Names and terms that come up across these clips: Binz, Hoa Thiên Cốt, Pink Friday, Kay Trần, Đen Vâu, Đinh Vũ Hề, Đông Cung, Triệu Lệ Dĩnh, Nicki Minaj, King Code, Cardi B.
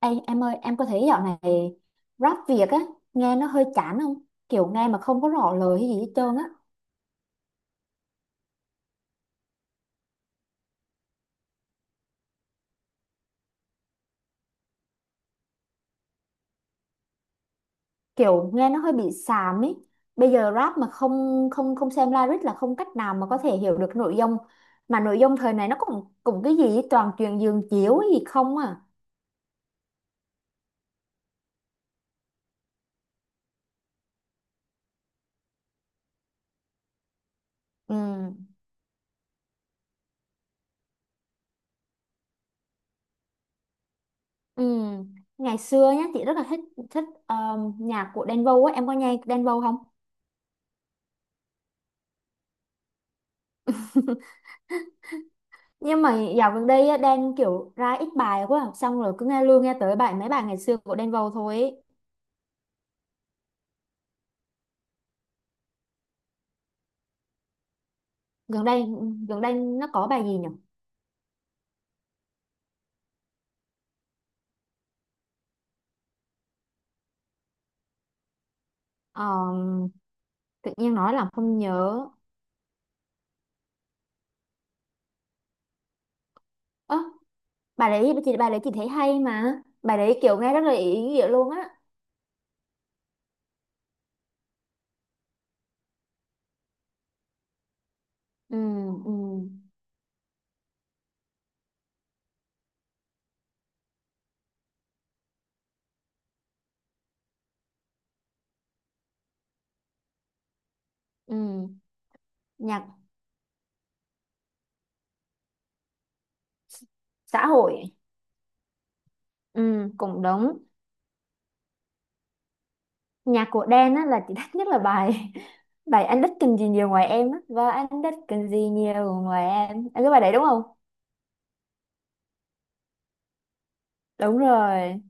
Ê, em ơi, em có thấy dạo này rap Việt á, nghe nó hơi chán không? Kiểu nghe mà không có rõ lời hay gì hết trơn á. Kiểu nghe nó hơi bị xàm ấy. Bây giờ rap mà không không không xem lyric là không cách nào mà có thể hiểu được nội dung. Mà nội dung thời này nó cũng cũng cái gì ấy, toàn chuyện giường chiếu ấy gì không à. Ừ. Ừ. Ngày xưa nhá, chị rất là thích thích nhạc của Đen Vâu á, em có nghe Đen Vâu không? Nhưng mà dạo gần đây á, Đen kiểu ra ít bài quá à. Xong rồi cứ nghe luôn nghe tới bài mấy bài ngày xưa của Đen Vâu thôi ý. gần đây gần đây nó có bài gì nhỉ? Ờ, tự nhiên nói là không nhớ. Ơ, bài đấy chị thấy hay, mà bài đấy kiểu nghe rất là ý nghĩa luôn á. Ừ, ừ, ừ. Nhạc xã hội. Ừ, cũng đúng. Nhạc của Đen á là chị thích nhất là bài bài anh đích cần gì nhiều ngoài em á và anh đích cần gì nhiều ngoài em à, cái bài đấy đúng không? Đúng rồi.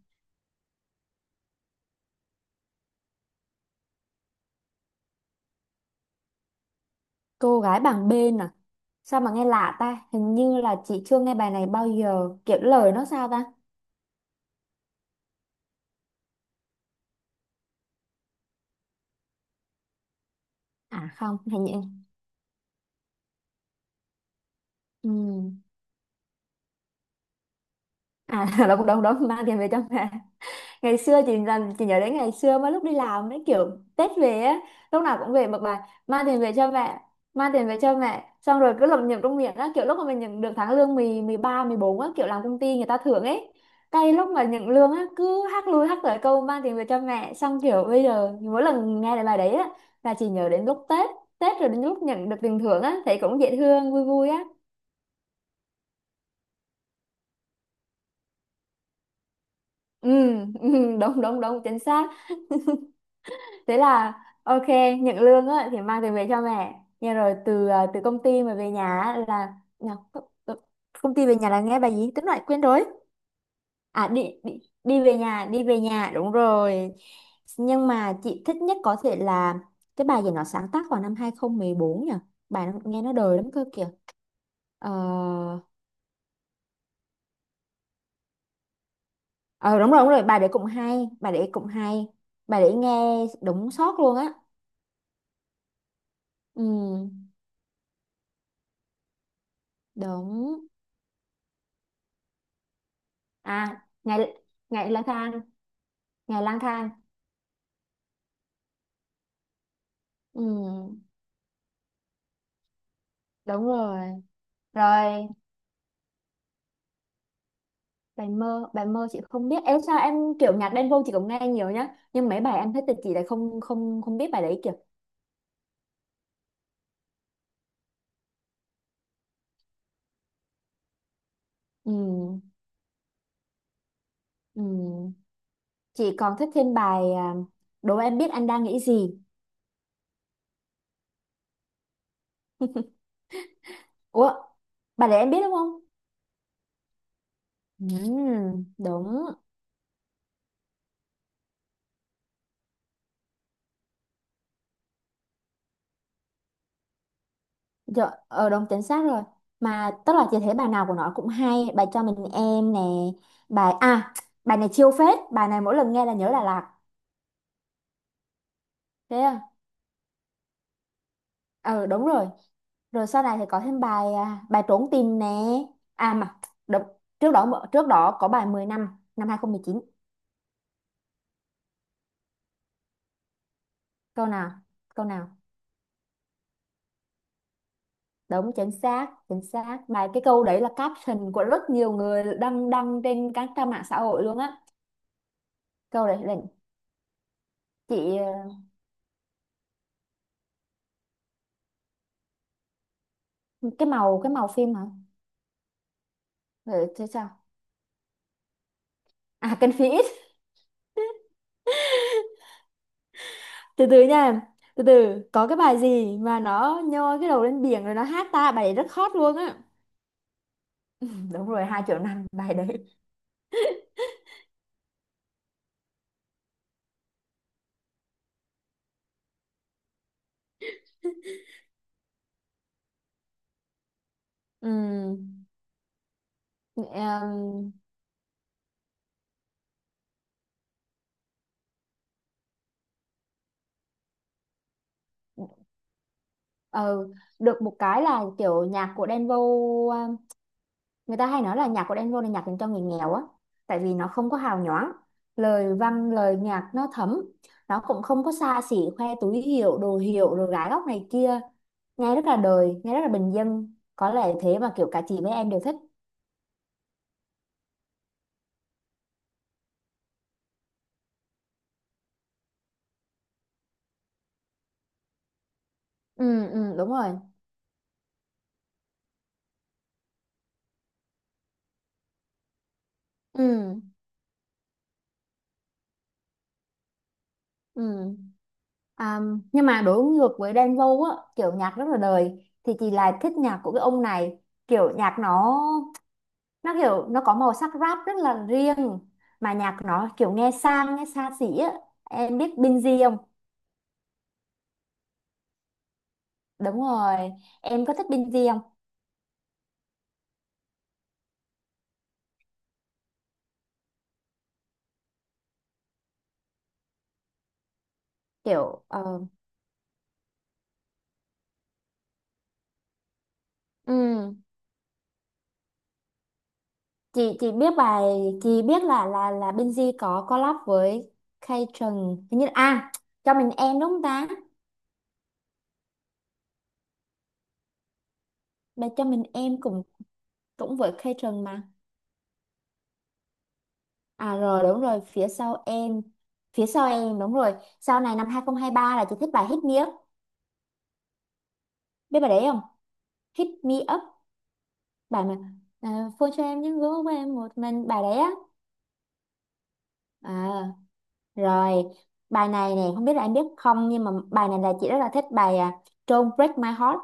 Cô gái bằng bên à? Sao mà nghe lạ ta, hình như là chị chưa nghe bài này bao giờ, kiểu lời nó sao ta. À không, hình như. Ừ. À là cũng đúng đúng, mang tiền về trong nhà. Ngày xưa chị làm, chị nhớ đến ngày xưa mà lúc đi làm đấy, kiểu Tết về á, lúc nào cũng về một bài mang tiền về cho mẹ, mang tiền về cho mẹ, xong rồi cứ lẩm nhẩm trong miệng á, kiểu lúc mà mình nhận được tháng lương 10, 13, 14 á, kiểu làm công ty người ta thưởng ấy. Cái lúc mà nhận lương á cứ hát lui hát tới câu mang tiền về cho mẹ, xong kiểu bây giờ mỗi lần nghe lại bài đấy á là chị nhớ đến lúc Tết. Tết rồi đến lúc nhận được tiền thưởng á thấy cũng dễ thương, vui vui á. Ừ, ừ, đúng đúng đúng, chính xác. Thế là ok. Nhận lương á thì mang tiền về cho mẹ, nhưng rồi từ công ty mà về nhà á là nhờ, co- co- công ty về nhà là nghe bài gì tính lại quên rồi. À đi, đi đi về nhà, đi về nhà, đúng rồi. Nhưng mà chị thích nhất có thể là cái bài gì nó sáng tác vào năm 2014 nhỉ? Bài nó, nghe nó đời lắm cơ kìa. Ờ. Ờ, đúng rồi đúng rồi, bài đấy cũng hay, bài đấy cũng hay. Bài đấy nghe đúng sót luôn á. Ừ. Đúng. À ngày, ngày lang thang, ngày lang thang. Ừ, đúng rồi. Rồi bài mơ, bài mơ chị không biết. Ê, sao em, kiểu nhạc Đen Vâu chị cũng nghe nhiều nhá, nhưng mấy bài em thích thì chị lại không không không biết bài đấy kìa. Ừ. Ừ. Chị còn thích thêm bài đố em biết anh đang nghĩ gì. Ủa, bài đấy em biết đúng không? Ừ. Đúng. Dạ, đúng chính xác rồi. Mà tức là chị thấy bài nào của nó cũng hay, bài cho mình em nè, bài à, bài này chiêu phết, bài này mỗi lần nghe là nhớ Đà Lạt. Thế à? Ờ đúng rồi. Rồi sau này thì có thêm bài trốn tìm nè. À mà đúng, trước đó có bài 10 năm, năm 2019. Câu nào? Câu nào? Đúng chính xác, chính xác. Mà cái câu đấy là caption của rất nhiều người đăng đăng trên các trang mạng xã hội luôn á. Câu đấy là chị, ờ, cái màu phim hả? Ừ. À, Cần Phí ít. Từ từ nha. Từ từ. Có cái bài gì mà nó nhô cái đầu lên biển rồi nó hát ta, bài đấy rất hot luôn á. Đúng rồi, 2 triệu năm bài đấy. Ừm. Em, ờ. Được một cái là kiểu nhạc của Đen Vâu à, người ta hay nói là nhạc của Đen Vâu là nhạc dành cho người nghèo á. Tại vì nó không có hào nhoáng, lời văn, lời nhạc nó thấm. Nó cũng không có xa xỉ khoe túi hiệu, đồ hiệu rồi gái góc này kia. Nghe rất là đời, nghe rất là bình dân. Có lẽ thế mà kiểu cả chị với em đều thích. Ừ. Ừ, đúng rồi. Ừ. Ừ. À, nhưng mà đối ngược với Đen Vâu á, kiểu nhạc rất là đời, thì chị lại thích nhạc của cái ông này. Kiểu nhạc nó kiểu nó có màu sắc rap rất là riêng, mà nhạc nó kiểu nghe sang, nghe xa xỉ á. Em biết Binz không? Đúng rồi. Em có thích Binz không? Kiểu ừ, chị biết bài chị biết là Binz có collab với Kay Trần hình như, à, cho mình em đúng không ta? Bài cho mình em cũng cũng với catering mà. À rồi, đúng rồi, phía sau em, phía sau em, đúng rồi. Sau này năm 2023 là chị thích bài Hit Me Up. Biết bài đấy không? Hit Me Up, bài mà, phone cho em những gỗ của em một mình, bài đấy á. À rồi. Bài này nè, không biết là em biết không, nhưng mà bài này là chị rất là thích, bài Don't Break My Heart.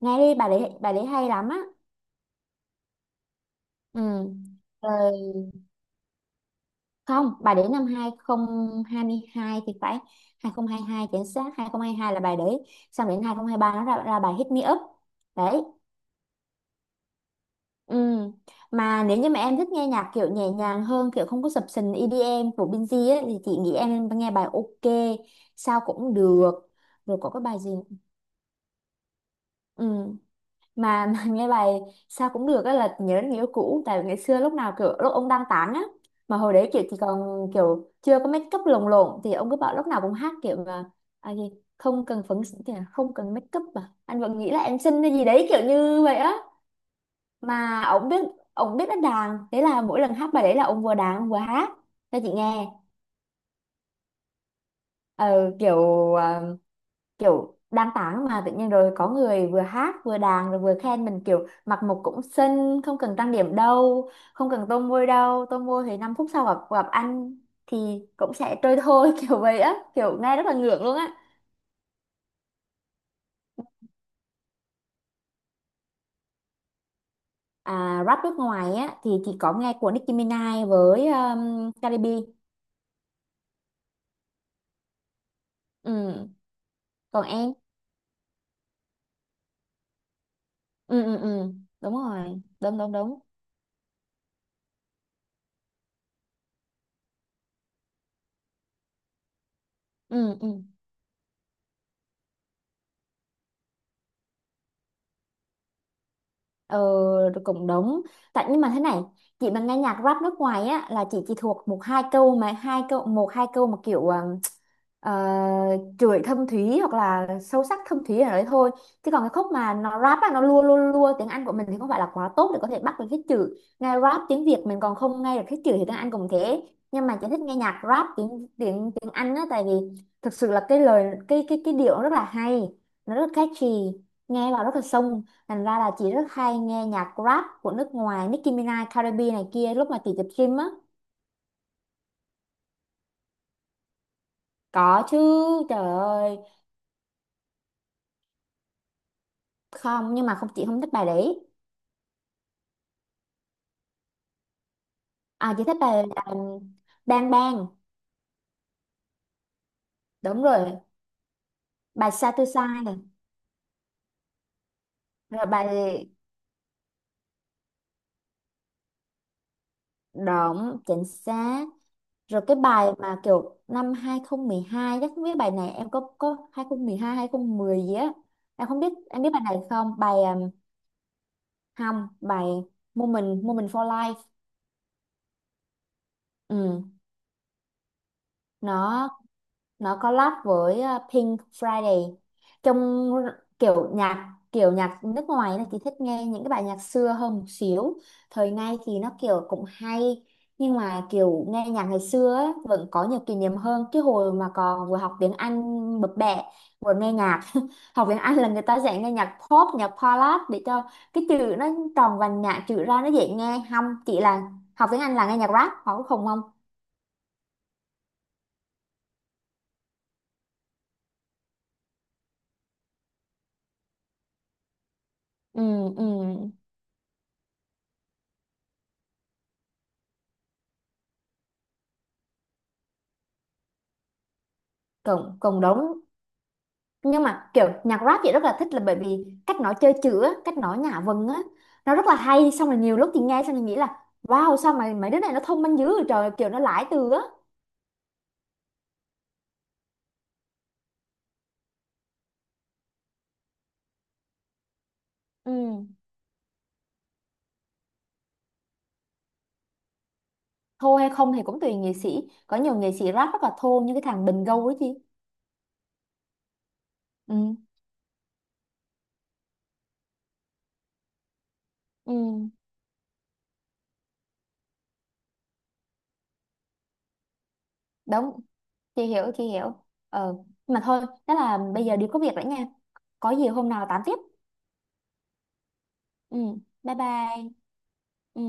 Nghe đi, bài đấy hay lắm á. Ừ. Rồi. Không, bà để năm 2022 thì phải. 2022 chính xác, 2022 là bà để. Xong đến 2023 nó ra, bài Hit Me Up đấy. Ừ. Mà nếu như mà em thích nghe nhạc kiểu nhẹ nhàng hơn, kiểu không có sập sình EDM của Binz ấy, thì chị nghĩ em nghe bài OK sao cũng được. Rồi có cái bài gì. Ừ. Mà, mà nghe bài sao cũng được á là nhớ đến người yêu cũ, tại vì ngày xưa lúc nào kiểu lúc ông đang tán á, mà hồi đấy kiểu chỉ còn kiểu chưa có make up lồng lộn thì ông cứ bảo lúc nào cũng hát kiểu mà, à gì không cần phấn, thì là không cần make up, à anh vẫn nghĩ là em xinh hay gì đấy, kiểu như vậy á. Mà ông biết đánh đàn, thế là mỗi lần hát bài đấy là ông vừa đàn ông vừa hát cho chị nghe. Ờ, kiểu ờ, kiểu đang tán mà tự nhiên rồi có người vừa hát vừa đàn rồi vừa khen mình, kiểu mặc một cũng xinh, không cần trang điểm đâu, không cần tô môi đâu, tô môi thì 5 phút sau gặp gặp anh thì cũng sẽ trôi thôi kiểu vậy á, kiểu nghe rất là ngượng luôn á. À, rap nước ngoài á thì chỉ có nghe của Nicki Minaj với Cardi B. Ừ. Còn em. Ừ, ừ, ừ. Đúng rồi, đúng đúng đúng. Ừ, ừ. Ờ rồi, cũng đúng. Tại nhưng mà thế này, chị mà nghe nhạc rap nước ngoài á là chị chỉ thuộc một hai câu, mà hai câu, một hai câu mà kiểu chửi thâm thúy hoặc là sâu sắc thâm thúy ở đấy thôi, chứ còn cái khúc mà nó rap á nó lua lua lua, tiếng Anh của mình thì không phải là quá tốt để có thể bắt được hết chữ. Nghe rap tiếng Việt mình còn không nghe được hết chữ thì tiếng Anh cũng thế. Nhưng mà chị thích nghe nhạc rap tiếng tiếng tiếng Anh á, tại vì thực sự là cái lời, cái điệu nó rất là hay, nó rất catchy, nghe vào rất là sông. Thành ra là chị rất hay nghe nhạc rap của nước ngoài, Nicki Minaj, Cardi B này kia, lúc mà chị tập gym á. Có chứ. Trời ơi. Không, nhưng mà không, chị không thích bài đấy. À chị thích bài là Bang Bang. Đúng rồi. Bài Sai Tôi Sai này. Rồi bài Động Chính Xác. Rồi cái bài mà kiểu năm 2012, chắc không biết bài này em có, 2012, 2010 gì á. Em không biết em biết bài này không? Bài không, bài Moment Moment for Life. Ừ. Nó nó collab với Pink Friday. Trong kiểu nhạc nước ngoài này thì thích nghe những cái bài nhạc xưa hơn một xíu, thời nay thì nó kiểu cũng hay. Nhưng mà kiểu nghe nhạc ngày xưa á, vẫn có nhiều kỷ niệm hơn, cái hồi mà còn vừa học tiếng Anh bập bẹ, vừa nghe nhạc. Học tiếng Anh là người ta sẽ nghe nhạc pop, nhạc ballad để cho cái chữ nó tròn vành nhạc chữ ra, nó dễ nghe, không chị, là học tiếng Anh là nghe nhạc rap họ cũng không không. Ừ, ừ. Cộng cộng đồng. Nhưng mà kiểu nhạc rap chị rất là thích là bởi vì cách nó chơi chữ á, cách nó nhả vần á, nó rất là hay. Xong rồi nhiều lúc thì nghe xong thì nghĩ là wow, sao mà mấy đứa này nó thông minh dữ vậy trời, kiểu nó lãi từ á. Ừ. Thô hay không thì cũng tùy nghệ sĩ, có nhiều nghệ sĩ rap rất là thô như cái thằng Bình Gâu ấy chị. Ừ. Ừ. Đúng, chị hiểu chị hiểu. Ờ, mà thôi, đó là bây giờ đi có việc rồi nha. Có gì hôm nào tám tiếp. Ừ. Bye bye. Ừ.